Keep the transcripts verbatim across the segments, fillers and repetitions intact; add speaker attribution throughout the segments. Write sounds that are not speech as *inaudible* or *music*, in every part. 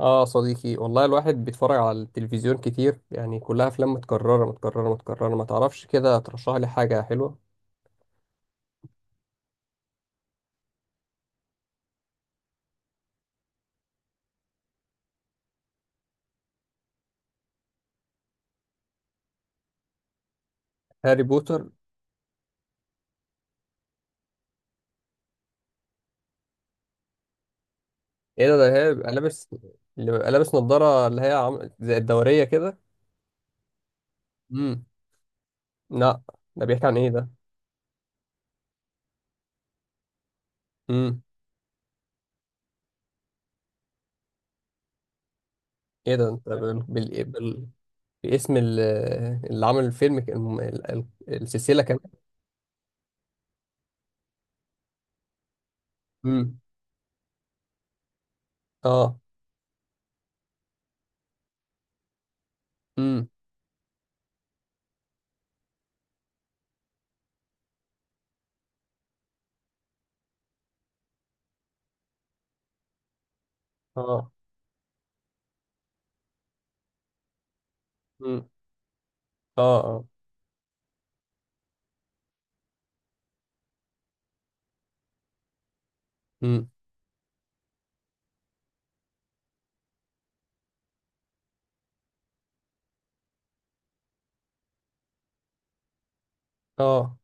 Speaker 1: اه صديقي، والله الواحد بيتفرج على التلفزيون كتير، يعني كلها افلام متكرره متكرره متكرره. ما تعرفش كده ترشح لي حاجه حلوه؟ هاري بوتر؟ ايه ده ده هي بيبقى لابس؟ اللي بيبقى لابس نظاره اللي هي عم... زي الدوريه كده. امم. لا. ده بيحكي عن ايه ده؟ امم. ايه ده؟ انت بال... بال... بال... باسم ال... اللي عامل الفيلم ك- الم... ال... ال- السلسله كمان. امم. اه. امم. اه. امم. اه. اه. امم. اه.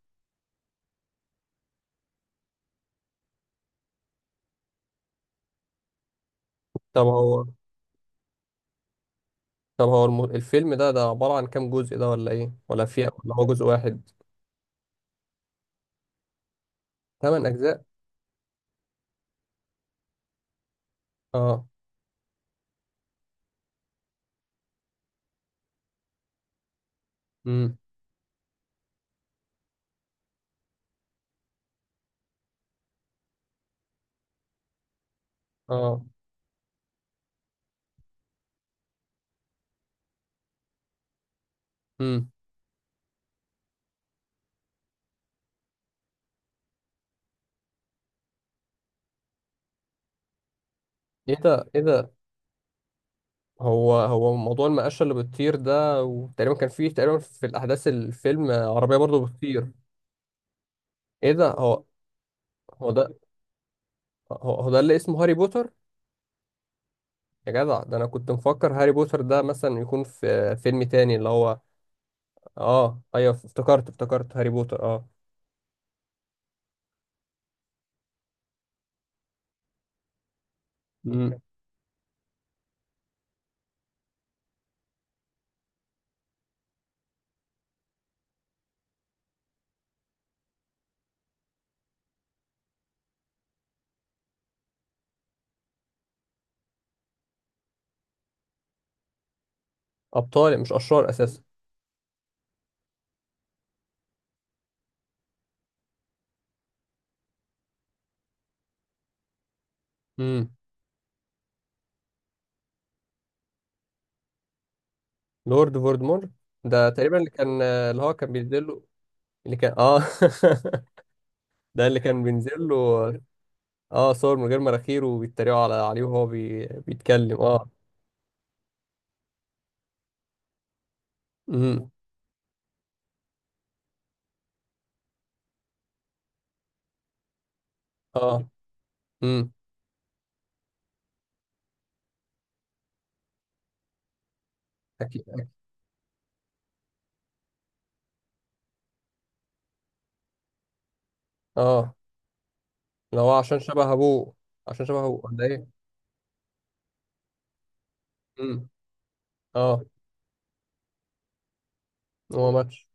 Speaker 1: طب هو طب هو الم- الفيلم ده ده عبارة عن كام جزء؟ ده ولا ايه؟ ولا في، ولا هو جزء واحد؟ ثمان اجزاء؟ اه. امم. اه. امم. ايه ده! ايه ده! هو هو موضوع المقاشة اللي بتطير ده، وتقريبا كان فيه، تقريبا في الاحداث الفيلم عربية برضو بتطير. ايه ده! هو هو ده؟ هو هو ده اللي اسمه هاري بوتر؟ يا جدع، ده انا كنت مفكر هاري بوتر ده مثلا يكون في فيلم تاني اللي هو... اه، ايوه، افتكرت افتكرت هاري بوتر، اه. امم. ابطال، مش اشرار اساسا. لورد فولدمور. ده تقريبا اللي كان اللي هو كان بينزل له. اللي كان، اه. *laughs* ده اللي كان بينزل له. اه، صور من غير مراخير، وبيتريقوا على عليه، وهو بي... بيتكلم، اه. امم. اه. امم. اكيد. اه. لو هو عشان شبه ابوه. عشان شبه ابوه ولا ايه؟ امم. اه. هو ماتش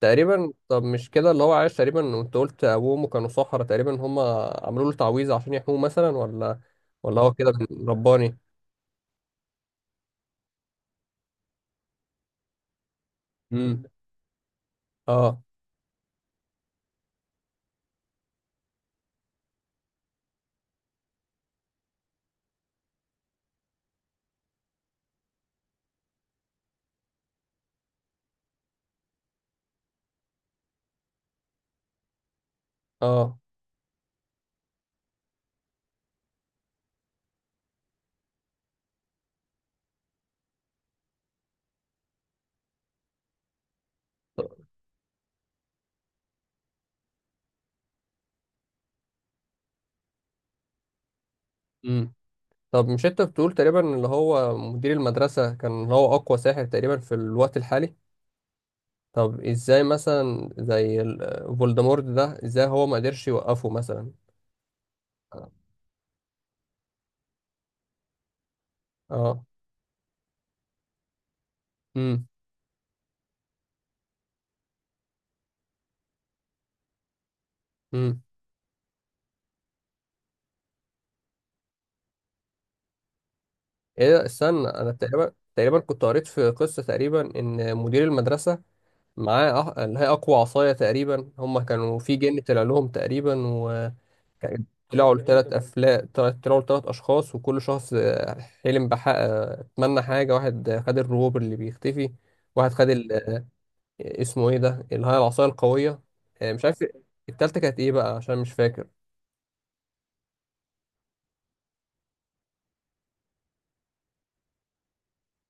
Speaker 1: تقريبا؟ طب مش كده اللي هو عايش تقريبا؟ وانت قلت ابوه وامه كانوا سحرة تقريبا، هم عملوا له تعويذة عشان يحموه مثلا، ولا ولا هو كده من- رباني؟ امم. اه. اه. طب مش انت بتقول تقريبا اللي هو مدير المدرسة كان هو أقوى ساحر تقريبا في الوقت الحالي؟ طب ازاي مثلا زي ال- فولدمورت ده، ازاي هو ما قدرش يوقفه مثلا؟ اه. امم. امم. ايه ده، استنى، انا تقريبا تقريبا كنت قريت في قصة تقريبا ان مدير المدرسة معاه أح- اللي هي اقوى عصاية تقريبا. هم كانوا في جن طلع لهم تقريبا. كان- طلعوا ثلاث افلام طلعوا ثلاث اشخاص، وكل شخص آه، حلم بحق، آه، اتمنى حاجه. واحد آه، خد الروبر اللي بيختفي. واحد خد ال... آه، اسمه ايه ده، اللي هي العصايه القويه. آه، مش عارف. التالتة كانت ايه بقى؟ عشان مش فاكر.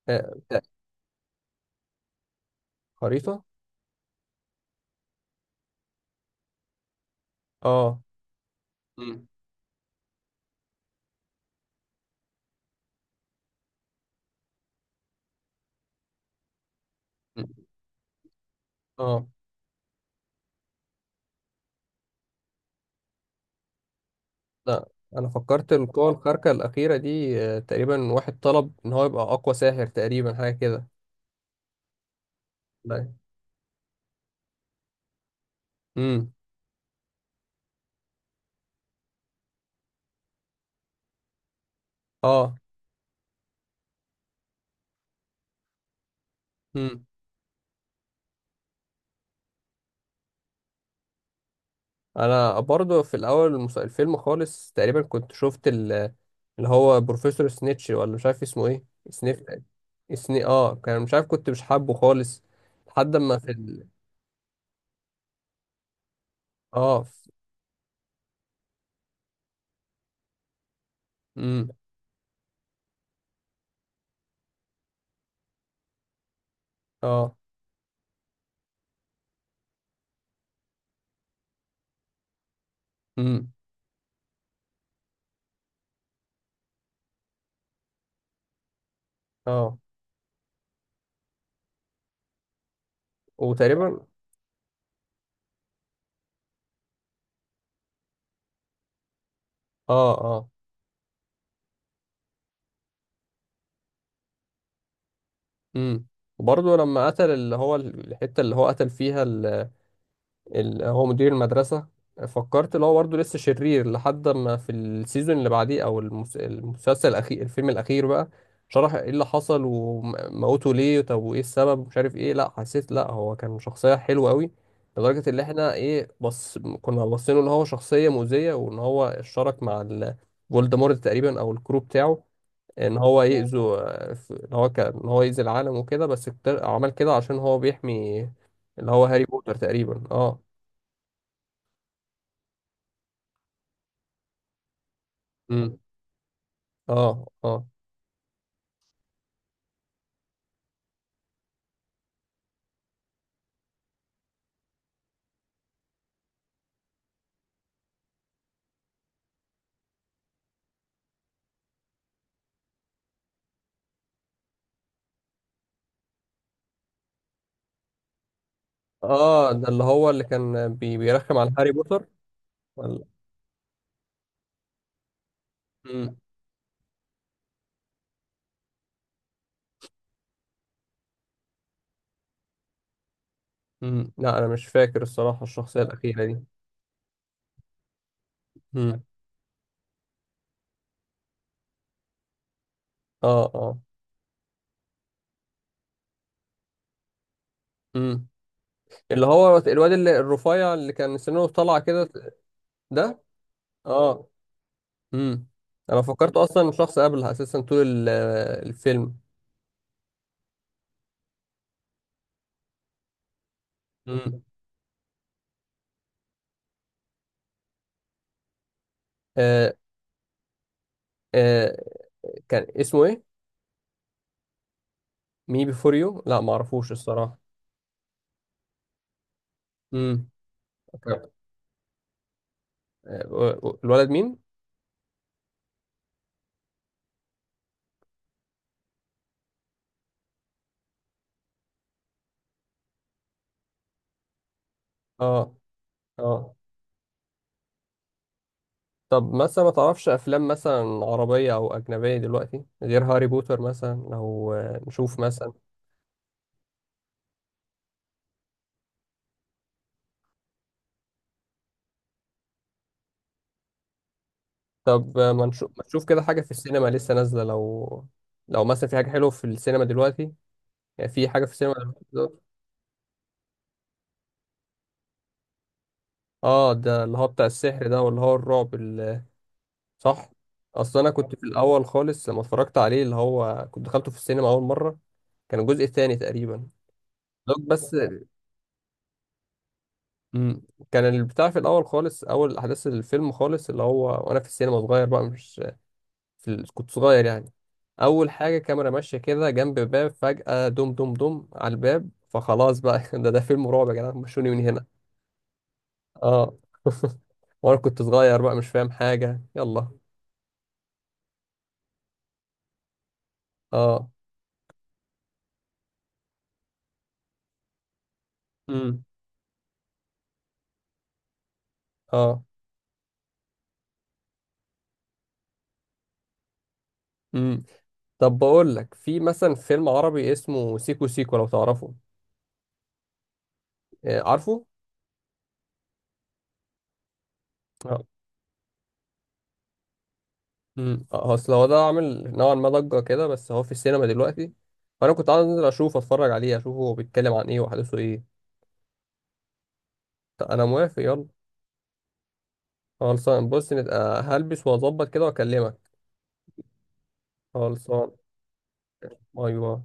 Speaker 1: آه، آه، خريطه. اه. مم. اه. لا، انا فكرت القوة الخارقة الأخيرة دي آه، تقريبا واحد طلب ان هو يبقى اقوى ساحر تقريبا، حاجة كده. لا. امم. اه. انا برضو في الاول المس- الفيلم خالص تقريبا كنت شفت ال- اللي هو بروفيسور سنيتش، ولا مش عارف اسمه ايه. سنيف. سني اه كان مش عارف، كنت مش حابه خالص. لحد ما في ال... اه. في... امم. اه. امم. اه. وتقريبا. اه. اه. امم. وبرضه لما قتل اللي هو ال- الحتة اللي هو قتل فيها ال- هو مدير المدرسة، فكرت اللي هو برضه لسه شرير، لحد ما في السيزون اللي بعديه او المس- المسلسل الاخير الفيلم الاخير بقى شرح ايه اللي حصل وموته ليه، طب وايه السبب، ومش عارف ايه. لا، حسيت، لا، هو كان شخصية حلوة قوي لدرجة ان احنا، ايه، بص، كنا باصينه ان هو شخصية مؤذية، وان هو اشترك مع ال- فولدمورت تقريبا او الكرو بتاعه، ان هو يأذوا ان هو كان ان هو يأذي العالم وكده، بس اكتر- عمل كده عشان هو بيحمي اللي هو هاري بوتر تقريبا، اه. امم. اه. اه. اه. ده اللي هو اللي كان بي بيرخم على هاري بوتر؟ ولا. امم. امم. لا، انا مش فاكر الصراحه الشخصيه الاخيره دي. امم. اه. اه. امم. اللي هو الواد اللي الرفيع اللي كان سنه طالعه كده؟ ده. اه. امم. انا فكرت اصلا شخص قبلها اساسا طول ال- الفيلم. امم. آه. آه. كان اسمه ايه؟ مي بيفور يو؟ لا، ما اعرفوش الصراحه. امم. الولد مين؟ اه. اه. طب مثلا ما تعرفش افلام مثلا عربية او اجنبية دلوقتي غير هاري بوتر مثلا، لو آه، نشوف مثلا؟ طب آه، ما نشوف، ما نشوف كده حاجة في السينما لسه نازلة، لو لو مثلا في حاجة حلوة في السينما دلوقتي، يعني في حاجة في السينما دلوقتي دلوقتي. اه، ده اللي هو بتاع السحر ده، واللي هو الرعب ال- صح. اصل انا كنت في الاول خالص لما اتفرجت عليه، اللي هو كنت دخلته في السينما اول مرة، كان الجزء الثاني تقريبا. دوك بس. مم. كان البتاع في الاول خالص، اول احداث الفيلم خالص، اللي هو وانا في السينما صغير بقى، مش في ال... كنت صغير يعني. اول حاجه كاميرا ماشيه كده جنب باب، فجاه دم دم دم على الباب، فخلاص بقى *laughs* ده ده فيلم رعب يا جدعان، مشوني من هنا. اه *laughs* وانا كنت صغير بقى مش فاهم حاجه، يلا. اه. امم. اه. امم. طب بقول لك، في مثلا فيلم عربي اسمه سيكو سيكو لو تعرفه؟ آه، عارفه. امم. هو اصل هو ده عامل نوعا ما ضجه كده، بس هو في السينما دلوقتي، فانا كنت عايز انزل اشوف، اتفرج عليه، اشوفه هو بيتكلم عن ايه وحدثه ايه. طب انا موافق، يلا. خلصان. بص، نبقى هلبس واظبط كده واكلمك. خلصان. ايوه.